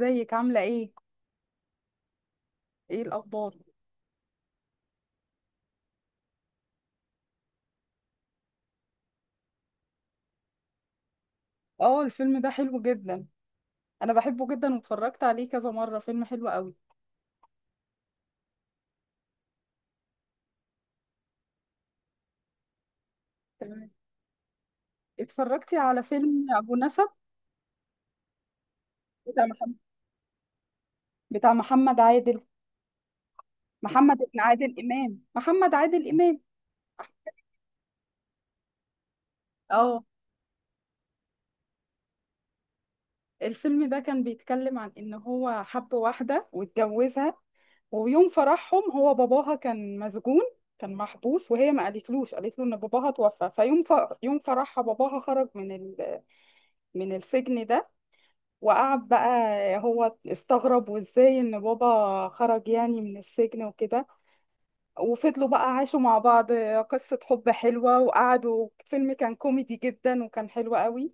ازيك عاملة ايه؟ ايه الأخبار؟ اه، الفيلم ده حلو جدا. أنا بحبه جدا واتفرجت عليه كذا مرة، فيلم حلو قوي. تمام. اتفرجتي على فيلم أبو نسب؟ بتاع محمد، بتاع محمد عادل، محمد ابن عادل إمام، محمد عادل إمام. اه، الفيلم ده كان بيتكلم عن إن هو حب واحدة واتجوزها. ويوم فرحهم هو باباها كان مسجون، كان محبوس، وهي ما قالتلوش، قالت له ان باباها توفى. فيوم يوم فرحها باباها خرج من من السجن ده. وقعد بقى، هو استغرب وازاي ان بابا خرج يعني من السجن وكده. وفضلوا بقى عاشوا مع بعض، قصة حب حلوة، وقعدوا. فيلم كان كوميدي جدا وكان حلو قوي.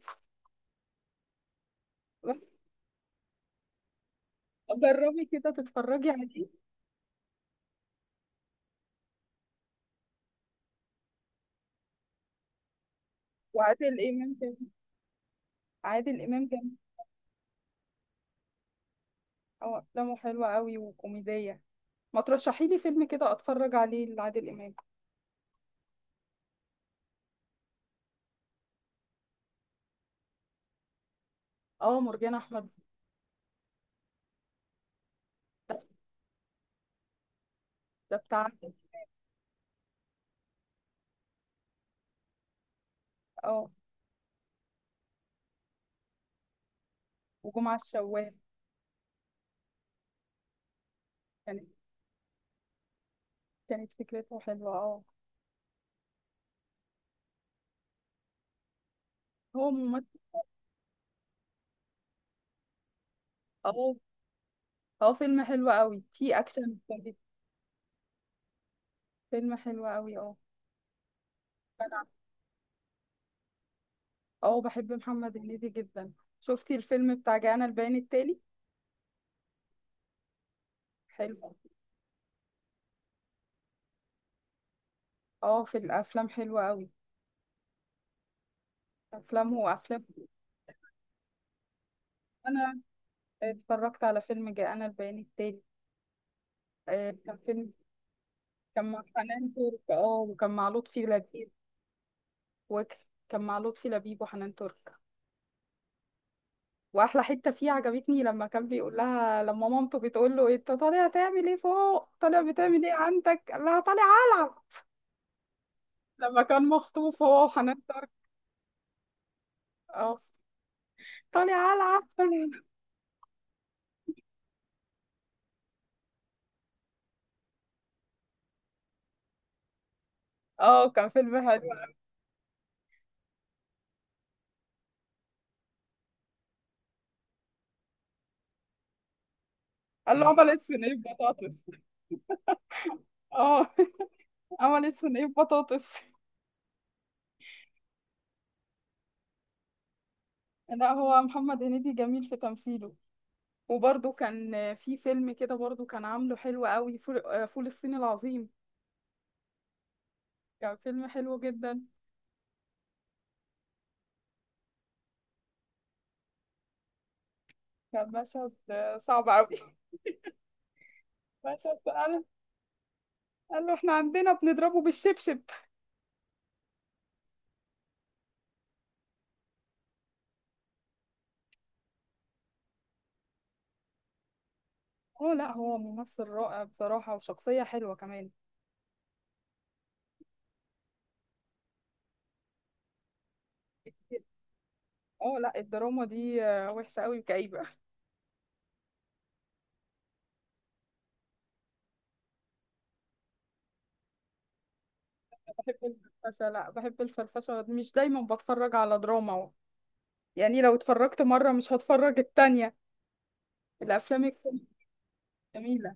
جربي كده تتفرجي عليه. وعادل امام جميل، عادل امام جميل. اه، افلامه حلوة قوي وكوميدية، ما ترشحي لي فيلم كده اتفرج عليه لعادل امام. اه، مرجان احمد. ده بتاع عادل. اه، وجمعة الشوال. كانت كانت فكرته حلوة، اه. هو ممثل. اه. اه، فيلم حلو قوي فيه اكشن وكده. فيلم حلو قوي، اه. انا اه، بحب محمد هنيدي جدا. شفتي الفيلم بتاع جانا البيان التالي؟ حلو. اه، في الافلام حلوة قوي، افلامه وافلام. انا اتفرجت على فيلم جانا البيان التالي، كان فيلم. كان مع حنان ترك، اه، وكان مع لطفي لبيب، وكان مع لطفي لبيب وحنان ترك. واحلى حته فيه عجبتني لما كان بيقول لها، لما مامته بتقول له انت طالع تعمل ايه فوق، طالع بتعمل ايه عندك، قال لها طالع، لما كان مخطوف هو وحنان ترك. اه. طالع العب طالع- اه، كان فيلم حلو. قال له عملت صينيه بطاطس. اه عملت صينيه بطاطس. لا، هو محمد هنيدي جميل في تمثيله. وبرده كان في فيلم كده، برده كان عامله حلو قوي، فول فول الصين العظيم، كان فيلم حلو جدا. كان مشهد صعب قوي مشهد قال، قال له احنا عندنا بنضربه بالشبشب. اه، لا، هو ممثل رائع بصراحة، وشخصية حلوة كمان. اه، لا، الدراما دي وحشة قوي وكئيبة. بحب الفرفشة، لا بحب الفرفشة، مش دايما بتفرج على دراما يعني لو اتفرجت مرة مش هتفرج التانية. الأفلام الكوميدي جميلة.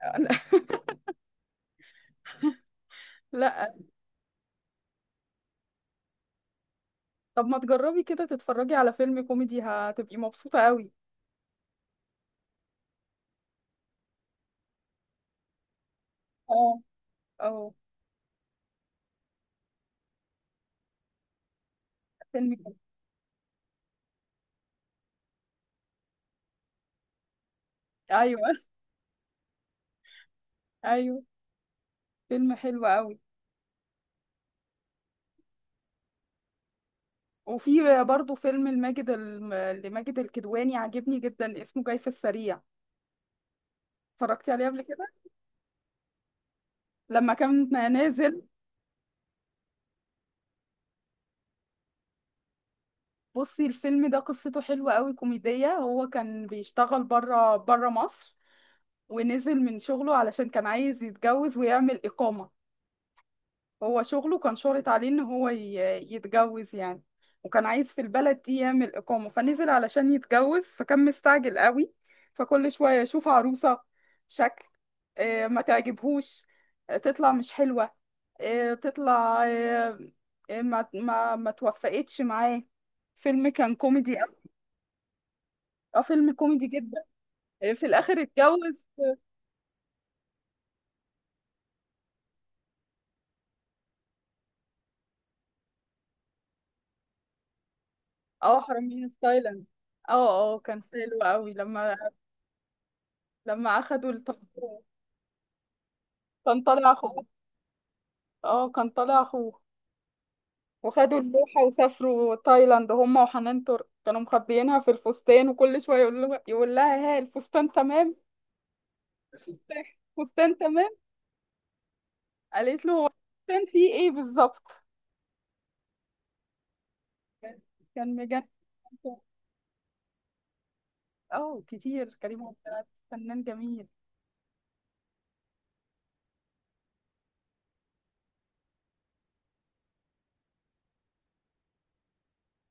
لا. طب ما تجربي كده تتفرجي على فيلم كوميدي، هتبقي مبسوطة قوي. اه. اه، فيلم كوميدي. ايوه ايوه، فيلم حلو قوي. وفي برضه فيلم لماجد لماجد الكدواني عاجبني جدا، اسمه جاي في السريع. اتفرجتي عليه قبل كده؟ لما كان نازل. بصي الفيلم ده قصته حلوة قوي، كوميدية. هو كان بيشتغل بره مصر، ونزل من شغله علشان كان عايز يتجوز ويعمل إقامة. هو شغله كان شرط عليه إن هو يتجوز يعني. وكان عايز في البلد دي يعمل إقامة، فنزل علشان يتجوز، فكان مستعجل قوي، فكل شوية يشوف عروسة، شكل، ما تعجبهوش، تطلع مش حلوة، آه، تطلع آه، آه، ما توفقتش معاه. فيلم كان كوميدي، اه فيلم كوميدي جدا. في الاخر اتجوز. اه، حرامية في تايلاند. اه اه، كان حلو قوي لما اخدوا الطلبة. كان طالع اخوه. اه، كان طالع اخوه، وخدوا اللوحة وسافروا تايلاند هما وحنان ترك، كانوا مخبيينها في الفستان، وكل شوية يقول له، يقول لها: ها الفستان تمام؟ الفستان، الفستان تمام. قالت له هو الفستان فيه ايه بالظبط؟ كان مجنن. اه كتير، كريم عبد العزيز فنان جميل.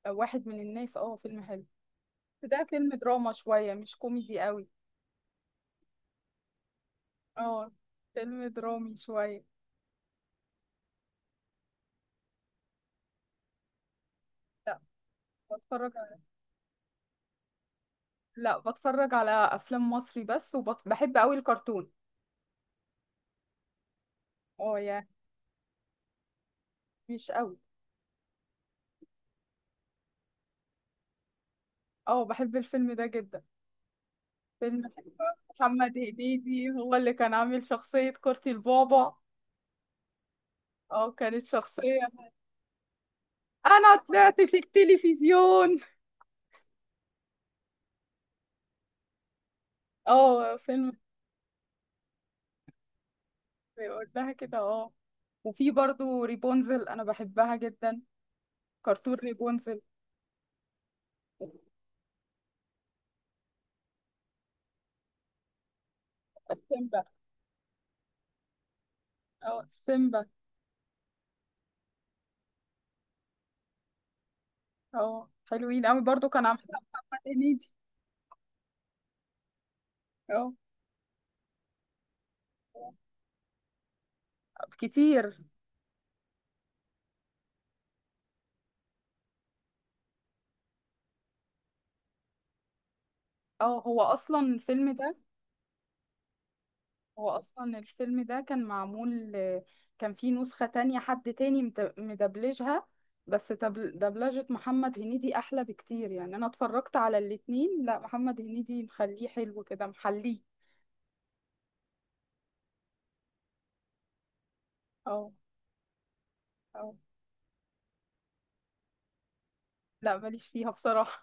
واحد من الناس، اه فيلم حلو. ده فيلم دراما شوية، مش كوميدي قوي. اه، فيلم درامي شوية. لا، بتفرج على... لا، بتفرج على أفلام مصري بس، وبحب قوي الكرتون. اه يعني، مش قوي. اه، بحب الفيلم ده جدا، فيلم حلو. محمد هنيدي هو اللي كان عامل شخصية كورتي البابا. اه، كانت شخصية أنا طلعت في التلفزيون. اه، فيلم. بيقول لها كده، اه. وفي برضو ريبونزل، أنا بحبها جدا، كرتون. ريبونزل. اه، سيمبا. اه، حلوين قوي برضو، كان عامل محمد هنيدي. اه كتير. اه، هو اصلا الفيلم ده كان معمول، كان فيه نسخة تانية حد تاني مدبلجها، بس دبلجة محمد هنيدي احلى بكتير، يعني انا اتفرجت على الاتنين. لا، محمد هنيدي مخليه حلو كده، محليه. اه. اه لا، ماليش فيها بصراحة.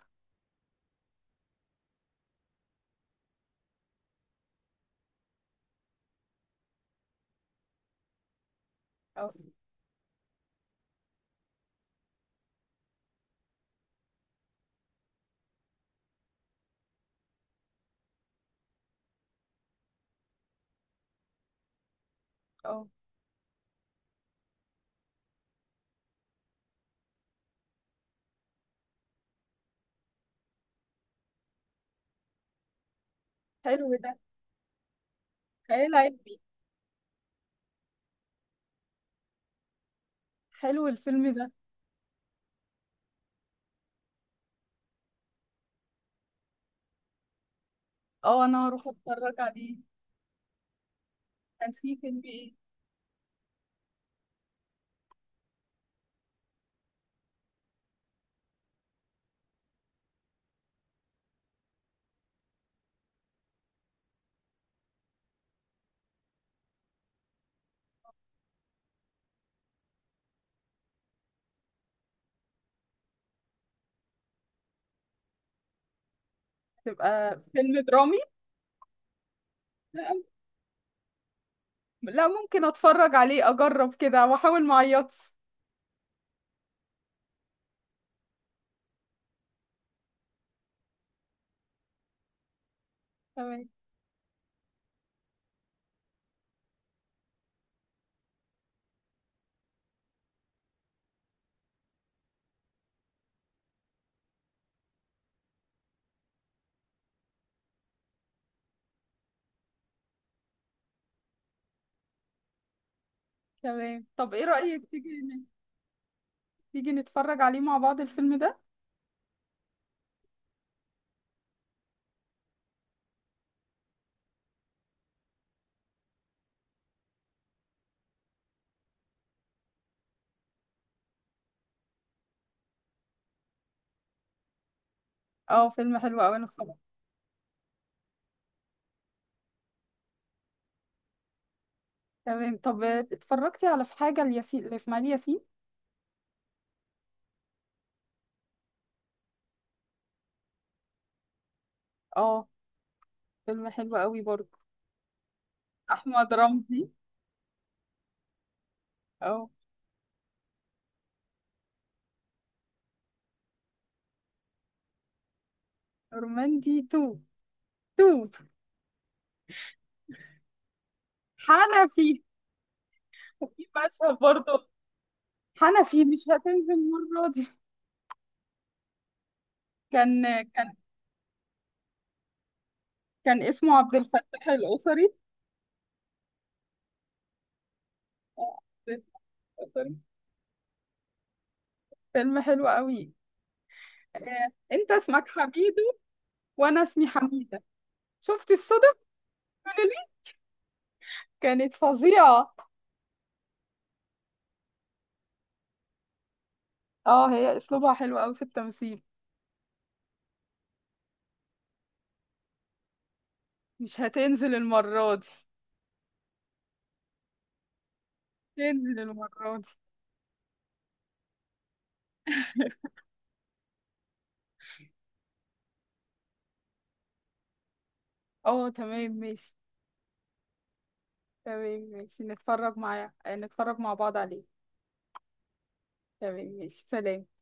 اه. اه، حلو ده. خيال علمي، حلو الفيلم ده. اه، انا هروح اتفرج عليه. كان في فيلم ايه؟ تبقى فيلم درامي. لا، لا، ممكن اتفرج عليه، اجرب كده واحاول ما اعيطش. تمام. تمام، طب ايه رأيك تيجي تيجي نتفرج عليه مع بعض الفيلم ده؟ اه، فيلم حلو قوي، انا طبعا. تمام، طب اتفرجتي على في حاجة الياسين لإسماعيل ياسين؟ اه، فيلم حلو قوي برضه. احمد رمزي. اه، رمندي تو، تو. حنفي، في مشهد برضه. حنفي مش هتنزل المرة دي. كان كان كان اسمه عبد الفتاح الأسري. آه، عارفة. فيلم حلو قوي. انت اسمك حميدو، وانا اسمي حميدة. شفتي الصدف دي؟ كانت فظيعة. اه، هي اسلوبها حلو قوي في التمثيل. مش هتنزل المرة دي، تنزل المرة دي. اه، تمام ماشي. تمام ماشي، نتفرج معايا، نتفرج مع بعض عليه. تمام ماشي، سلام.